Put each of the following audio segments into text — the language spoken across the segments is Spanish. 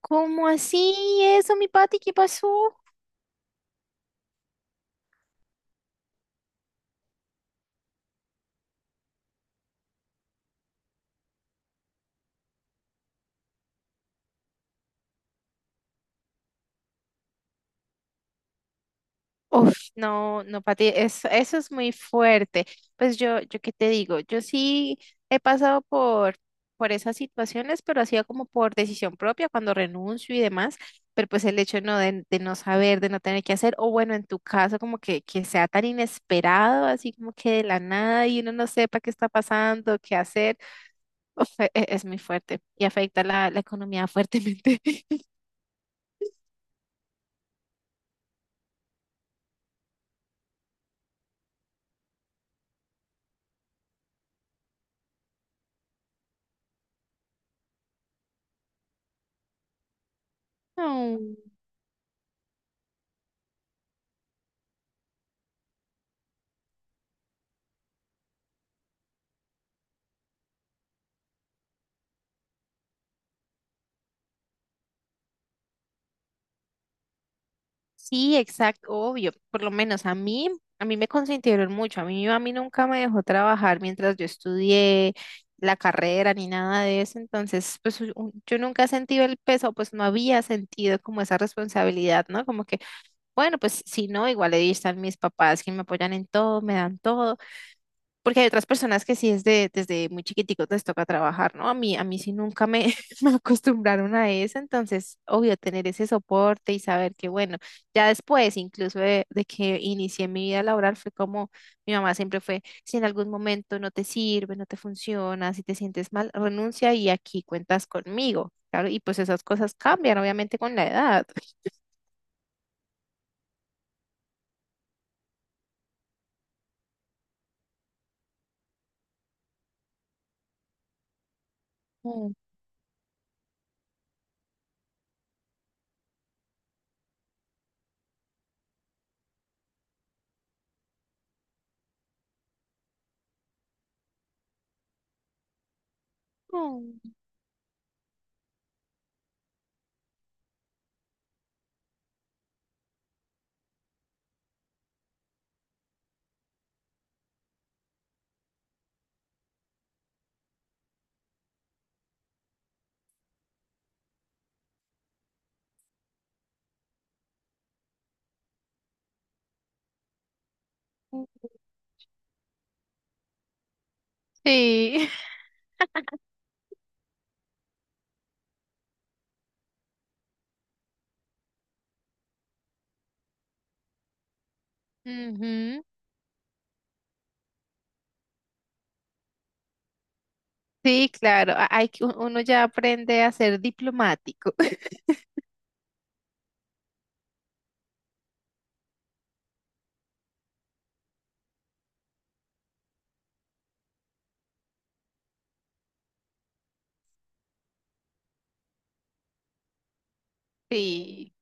¿Cómo así eso, mi Pati? ¿Qué pasó? Uf, no, no, Pati, eso es muy fuerte. Pues yo qué te digo, yo sí he pasado por esas situaciones, pero hacía como por decisión propia, cuando renuncio y demás, pero pues el hecho no de no saber, de no tener que hacer, o bueno, en tu caso, como que sea tan inesperado, así como que de la nada y uno no sepa qué está pasando, qué hacer, uf, es muy fuerte y afecta la economía fuertemente. No. Sí, exacto, obvio. Por lo menos a mí me consintieron mucho. A mí mi mami nunca me dejó trabajar mientras yo estudié la carrera ni nada de eso. Entonces, pues yo nunca he sentido el peso, pues no había sentido como esa responsabilidad, ¿no? Como que, bueno, pues si no, igual ahí están mis papás que me apoyan en todo, me dan todo. Porque hay otras personas que sí es de, desde muy chiquiticos les toca trabajar, ¿no? A mí sí nunca me, me acostumbraron a eso, entonces, obvio, tener ese soporte y saber que, bueno, ya después, incluso de que inicié mi vida laboral, fue como mi mamá siempre fue, si en algún momento no te sirve, no te funciona, si te sientes mal, renuncia y aquí cuentas conmigo, claro, y pues esas cosas cambian, obviamente, con la edad. Mm. Mm. Sí. Ujú. Sí, claro, hay que uno ya aprende a ser diplomático. Sí.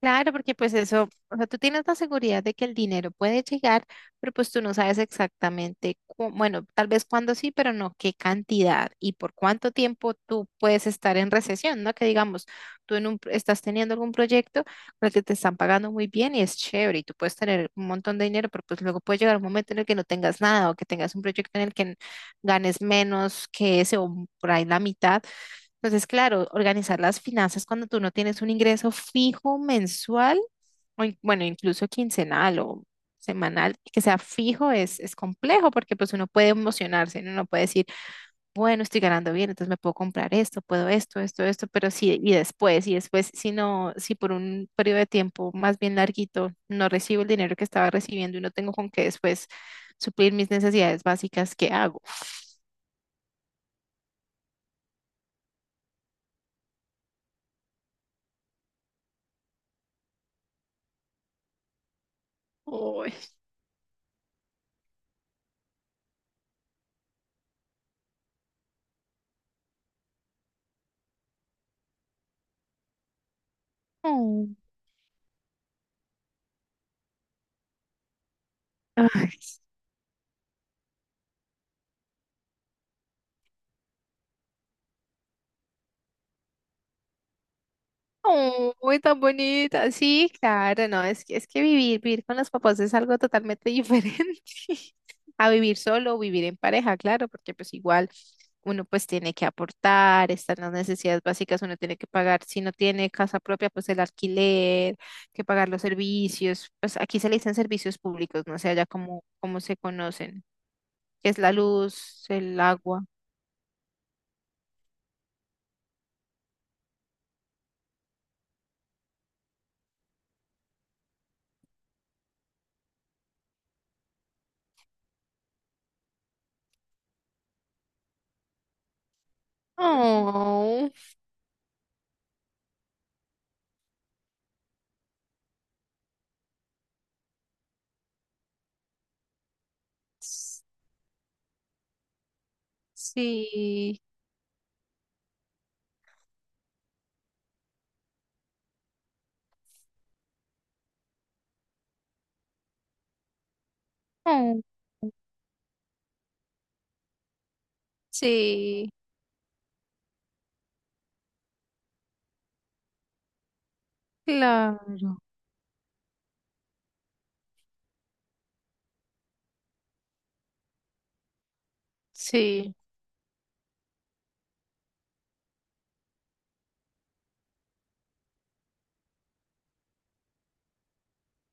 Claro, porque pues eso, o sea, tú tienes la seguridad de que el dinero puede llegar, pero pues tú no sabes exactamente, bueno, tal vez cuándo sí, pero no qué cantidad y por cuánto tiempo tú puedes estar en recesión, ¿no? Que digamos, tú en un, estás teniendo algún proyecto por el que te están pagando muy bien y es chévere y tú puedes tener un montón de dinero, pero pues luego puede llegar un momento en el que no tengas nada o que tengas un proyecto en el que ganes menos que ese o por ahí la mitad. Entonces, claro, organizar las finanzas cuando tú no tienes un ingreso fijo mensual, bueno, incluso quincenal o semanal, que sea fijo, es complejo porque pues uno puede emocionarse, ¿no? Uno puede decir, bueno, estoy ganando bien, entonces me puedo comprar esto, puedo esto, esto, esto, pero sí, y después, si no, si por un periodo de tiempo más bien larguito no recibo el dinero que estaba recibiendo y no tengo con qué después suplir mis necesidades básicas, ¿qué hago? Uy. Oh. Ay. Uy, tan bonita. Sí, claro, no, es que vivir con los papás es algo totalmente diferente a vivir solo o vivir en pareja, claro, porque pues igual uno pues tiene que aportar, están las necesidades básicas, uno tiene que pagar, si no tiene casa propia, pues el alquiler, que pagar los servicios, pues aquí se le dicen servicios públicos, no sé allá cómo, cómo se conocen, que es la luz, el agua. Oh, sí. Oh, sí. Claro, sí.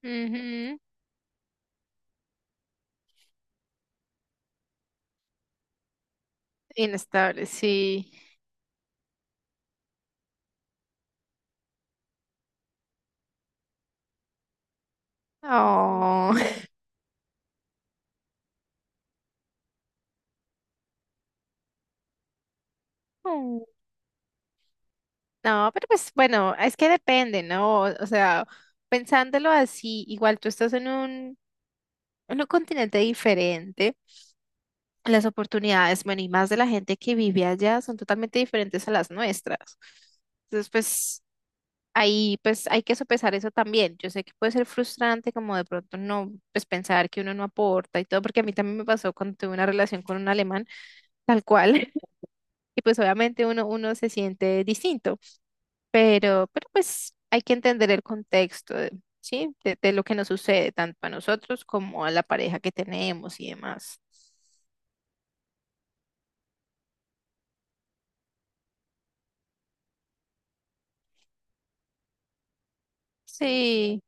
Ujú. Inestable, sí. Oh. Mm. No, pero pues bueno, es que depende, ¿no? O sea, pensándolo así, igual tú estás en un continente diferente, las oportunidades, bueno, y más de la gente que vive allá son totalmente diferentes a las nuestras. Entonces, pues ahí pues hay que sopesar eso también. Yo sé que puede ser frustrante como de pronto no, pues pensar que uno no aporta y todo, porque a mí también me pasó cuando tuve una relación con un alemán. Tal cual. Y pues obviamente uno se siente distinto, pero pues hay que entender el contexto, ¿sí? De lo que nos sucede, tanto a nosotros como a la pareja que tenemos y demás. Sí,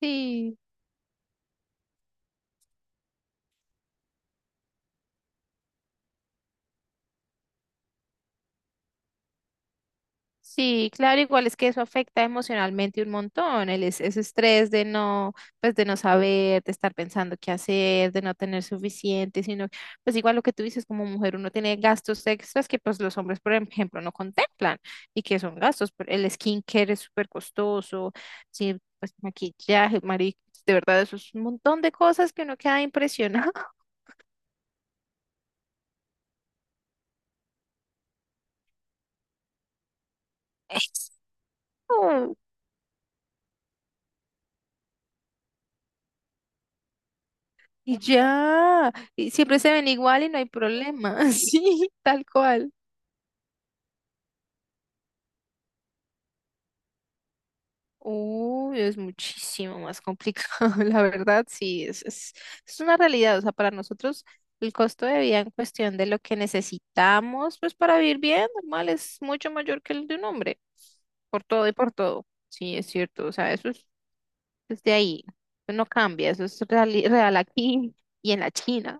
sí. Sí, claro, igual es que eso afecta emocionalmente un montón, el ese estrés de no, pues de no saber, de estar pensando qué hacer, de no tener suficiente, sino, pues igual lo que tú dices como mujer, uno tiene gastos extras que pues los hombres, por ejemplo, no contemplan y que son gastos, pero el skincare es súper costoso, sí, pues maquillaje, mari, de verdad, eso es un montón de cosas que uno queda impresionado. Eso. Y ya, y siempre se ven igual y no hay problema, sí, tal cual. Uy, es muchísimo más complicado, la verdad, sí, es una realidad, o sea, para nosotros el costo de vida en cuestión de lo que necesitamos, pues para vivir bien, normal, es mucho mayor que el de un hombre, por todo y por todo, sí, es cierto, o sea, eso es desde ahí, eso no cambia, eso es real, real aquí y en la China,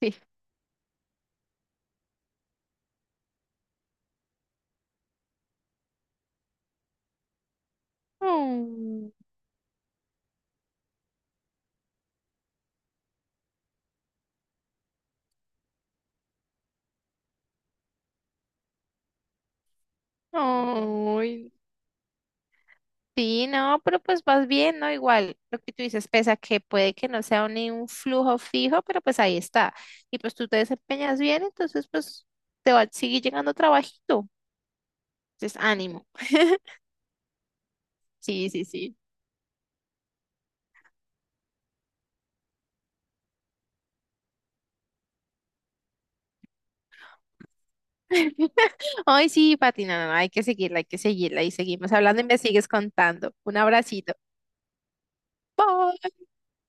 sí. Oh, ay, sí, no, pero pues vas bien, ¿no? Igual, lo que tú dices, pese a que puede que no sea un flujo fijo, pero pues ahí está. Y pues tú te desempeñas bien, entonces pues te va a seguir llegando trabajito. Entonces, ánimo. Sí, sí, sí. Ay, sí, Pati, no, no, no, hay que seguirla y seguimos hablando y me sigues contando. Un abracito. Bye.